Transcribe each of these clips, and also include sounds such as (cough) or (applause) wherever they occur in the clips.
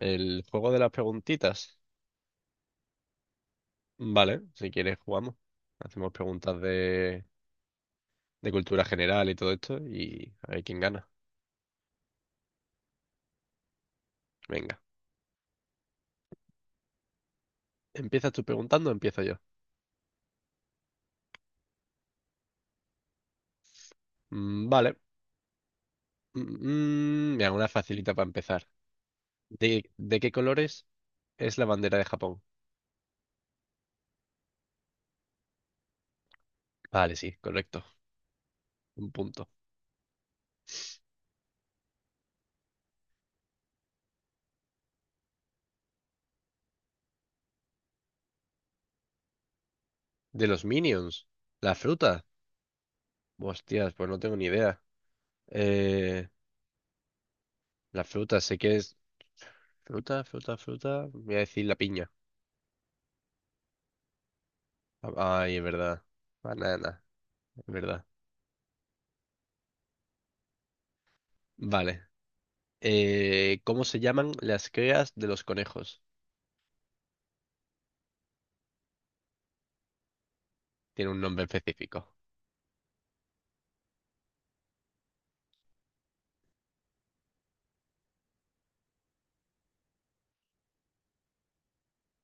El juego de las preguntitas. Vale, si quieres jugamos. Hacemos preguntas de cultura general y todo esto, y a ver quién gana. Venga. ¿Empiezas tú preguntando o empiezo yo? Vale. Mm, mira, una facilita para empezar. De qué colores es la bandera de Japón? Vale, sí, correcto. Un punto. ¿De los Minions? ¿La fruta? Hostias, pues no tengo ni idea. Eh, la fruta, sé que es... fruta, voy a decir la piña. Ah, ay, es verdad. Banana, es verdad. Vale. ¿Cómo se llaman las crías de los conejos? Tiene un nombre específico.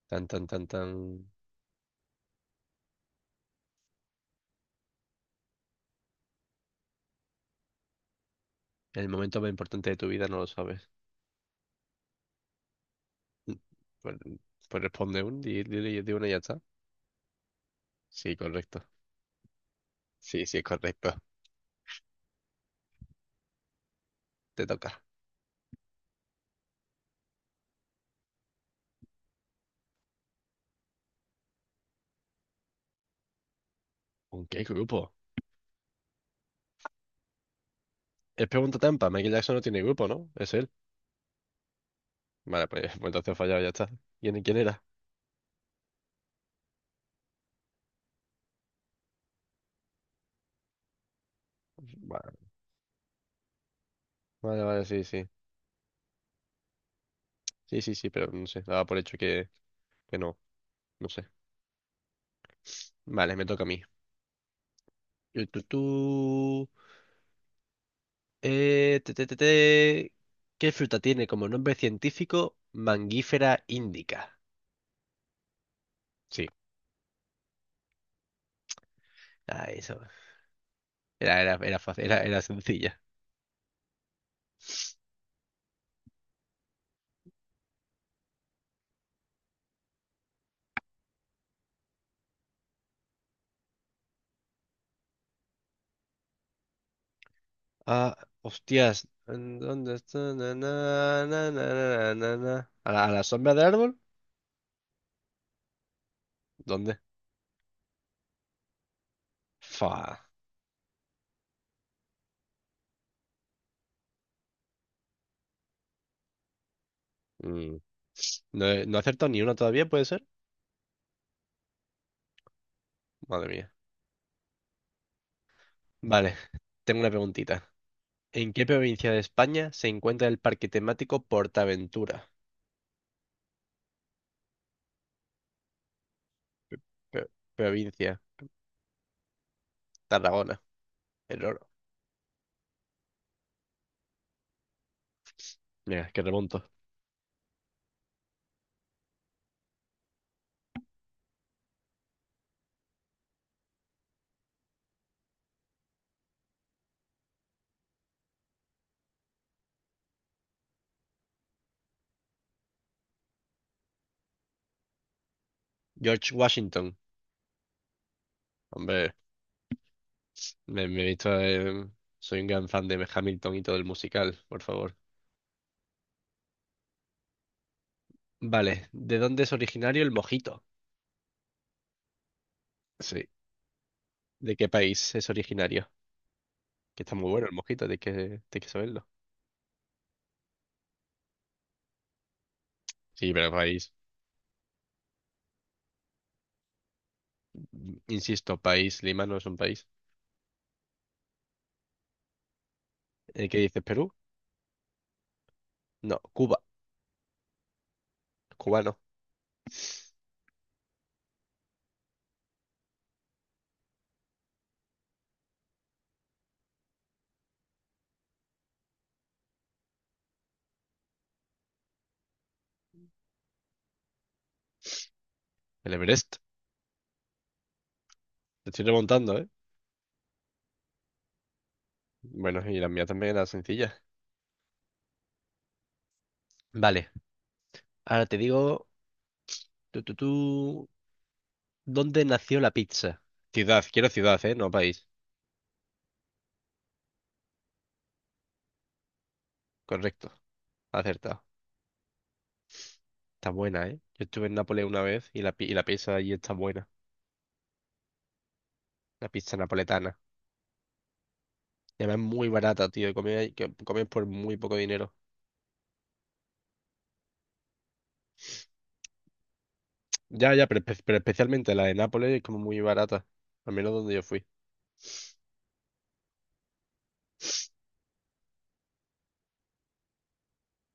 Tan, tan, tan, tan. En el momento más importante de tu vida no lo sabes. Mm, Pues, pues responde un, di uno y ya está. Sí, correcto. Sí, sí, es correcto. Te toca. ¿Con qué grupo? Es pregunta trampa. Michael Jackson no tiene grupo, ¿no? Es él. Vale, pues, (laughs) pues entonces he fallado, ya está. Quién era? Vale, vale, vale, sí, sí. Sí, sí, sí, pero no sé. Daba por hecho que no. No sé. Vale, me toca a mí. Tu, tu, tu. Te, te, te, te. ¿Qué fruta tiene como nombre científico Mangífera indica? Sí. Ah, eso. Era fácil, era sencilla. Ah, hostias. ¿En ¿dónde está? Na, na, na, na, na, na, na. A la sombra del árbol? ¿Dónde? Fa. Mm. No he acertado ni una todavía, ¿puede ser? Madre mía. Vale, tengo una preguntita. ¿En qué provincia de España se encuentra el parque temático Portaventura? Pro- provincia, Tarragona, el oro. Mira, que remonto. George Washington, hombre, me he visto, soy un gran fan de Hamilton y todo el musical, por favor. Vale, ¿de dónde es originario el mojito? Sí. ¿De qué país es originario? Que está muy bueno el mojito, hay tienes que saberlo. Sí, pero país, insisto, país, Lima no es un país. ¿Qué dices, Perú? No, Cuba, cubano. El Everest, te estoy remontando, ¿eh? Bueno, y la mía también era sencilla. Vale, ahora te digo. Tú, tú, tú. ¿Dónde nació la pizza? Ciudad, quiero ciudad, ¿eh? No país. Correcto, acertado. Está buena, ¿eh? Yo estuve en Nápoles una vez y y la pizza allí está buena. La pizza napoletana. Y además es muy barata, tío. Y comí, que comí por muy poco dinero. Ya, pero, pero especialmente la de Nápoles es como muy barata. Al menos donde yo fui.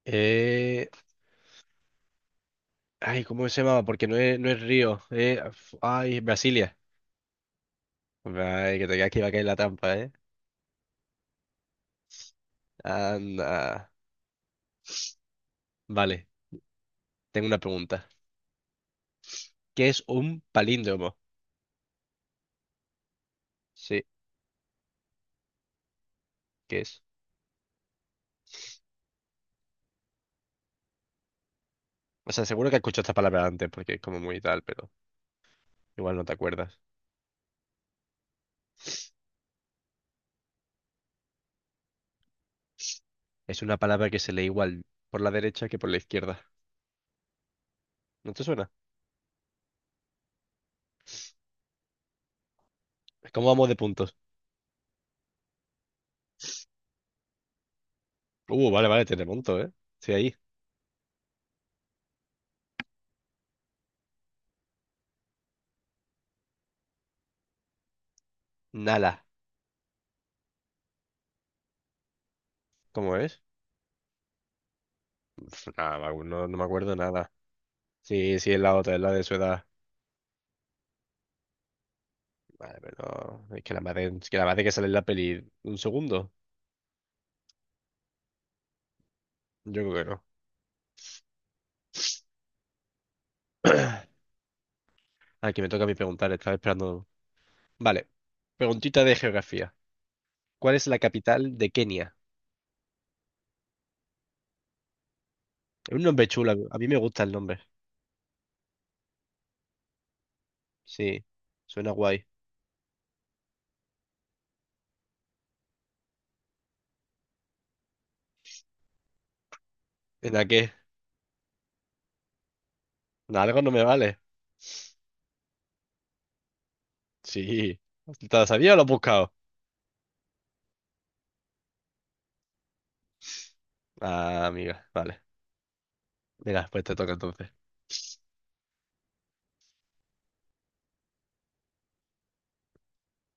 Eh... Ay, ¿cómo se llamaba? Porque no es Río. Ay, Brasilia. Ay, que te creas que iba a caer en la trampa, ¿eh? Anda. Vale, tengo una pregunta. ¿Que es un palíndromo? Sí, ¿qué es? O sea, seguro que has escuchado esta palabra antes porque es como muy tal, pero igual no te acuerdas. Es una palabra que se lee igual por la derecha que por la izquierda. ¿No te suena? ¿Cómo vamos de puntos? Vale, vale, te remonto, ¿eh? Sí, ahí. Nala. ¿Cómo es? Nada, no, no no me acuerdo nada. Sí, sí, es la otra, es la de su edad. Vale, pero no, es que la madre, es que la madre que sale en la peli un segundo. Yo creo que no. (clears throat) Aquí me toca a mí preguntar, estaba esperando. Vale, preguntita de geografía. ¿Cuál es la capital de Kenia? Es un nombre chulo, a mí me gusta el nombre. Sí, suena guay. ¿En a qué? ¿En algo no me vale? Sí. ¿Te lo sabía o lo has buscado? Ah, amiga, vale. Mira, pues te toca entonces.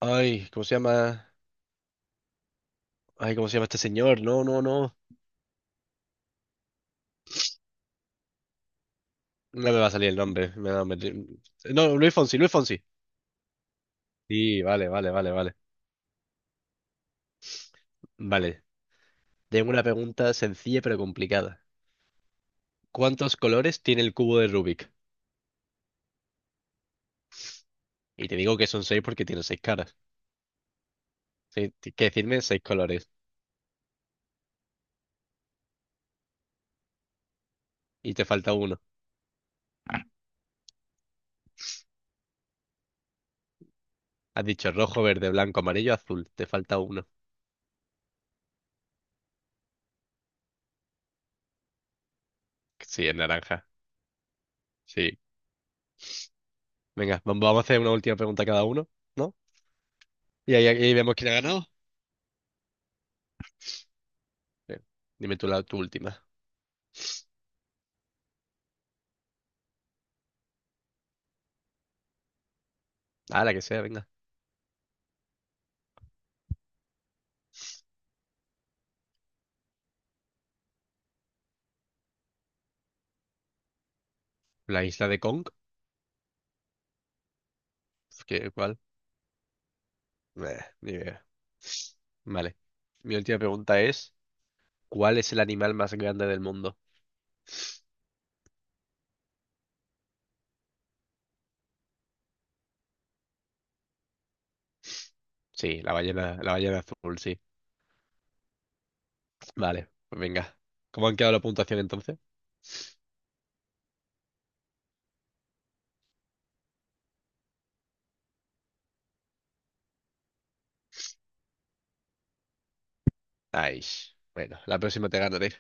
Ay, ¿cómo se llama? Ay, ¿cómo se llama este señor? No, no, no. No me va a salir el nombre. Me va a meter- No, Luis Fonsi, Luis Fonsi. Sí, vale, vale, vale, vale. Vale. Tengo una pregunta sencilla pero complicada. ¿Cuántos colores tiene el cubo de Rubik? Y te digo que son seis porque tiene seis caras. Sí, tienes que decirme seis colores. Y te falta uno. Has dicho rojo, verde, blanco, amarillo, azul. Te falta uno. Sí, es naranja. Sí. Venga, vamos a hacer una última pregunta cada uno, ¿no? Y ahí vemos quién ha ganado. Bien. Dime tú la tu última. Ah, la que sea, venga. La isla de Kong. Pues, cuál? Ni idea. Vale. Mi última pregunta es, ¿cuál es el animal más grande del mundo? Sí, la ballena azul, sí. Vale, pues venga. ¿Cómo han quedado la puntuación entonces? Ay, bueno, la próxima te ganaré.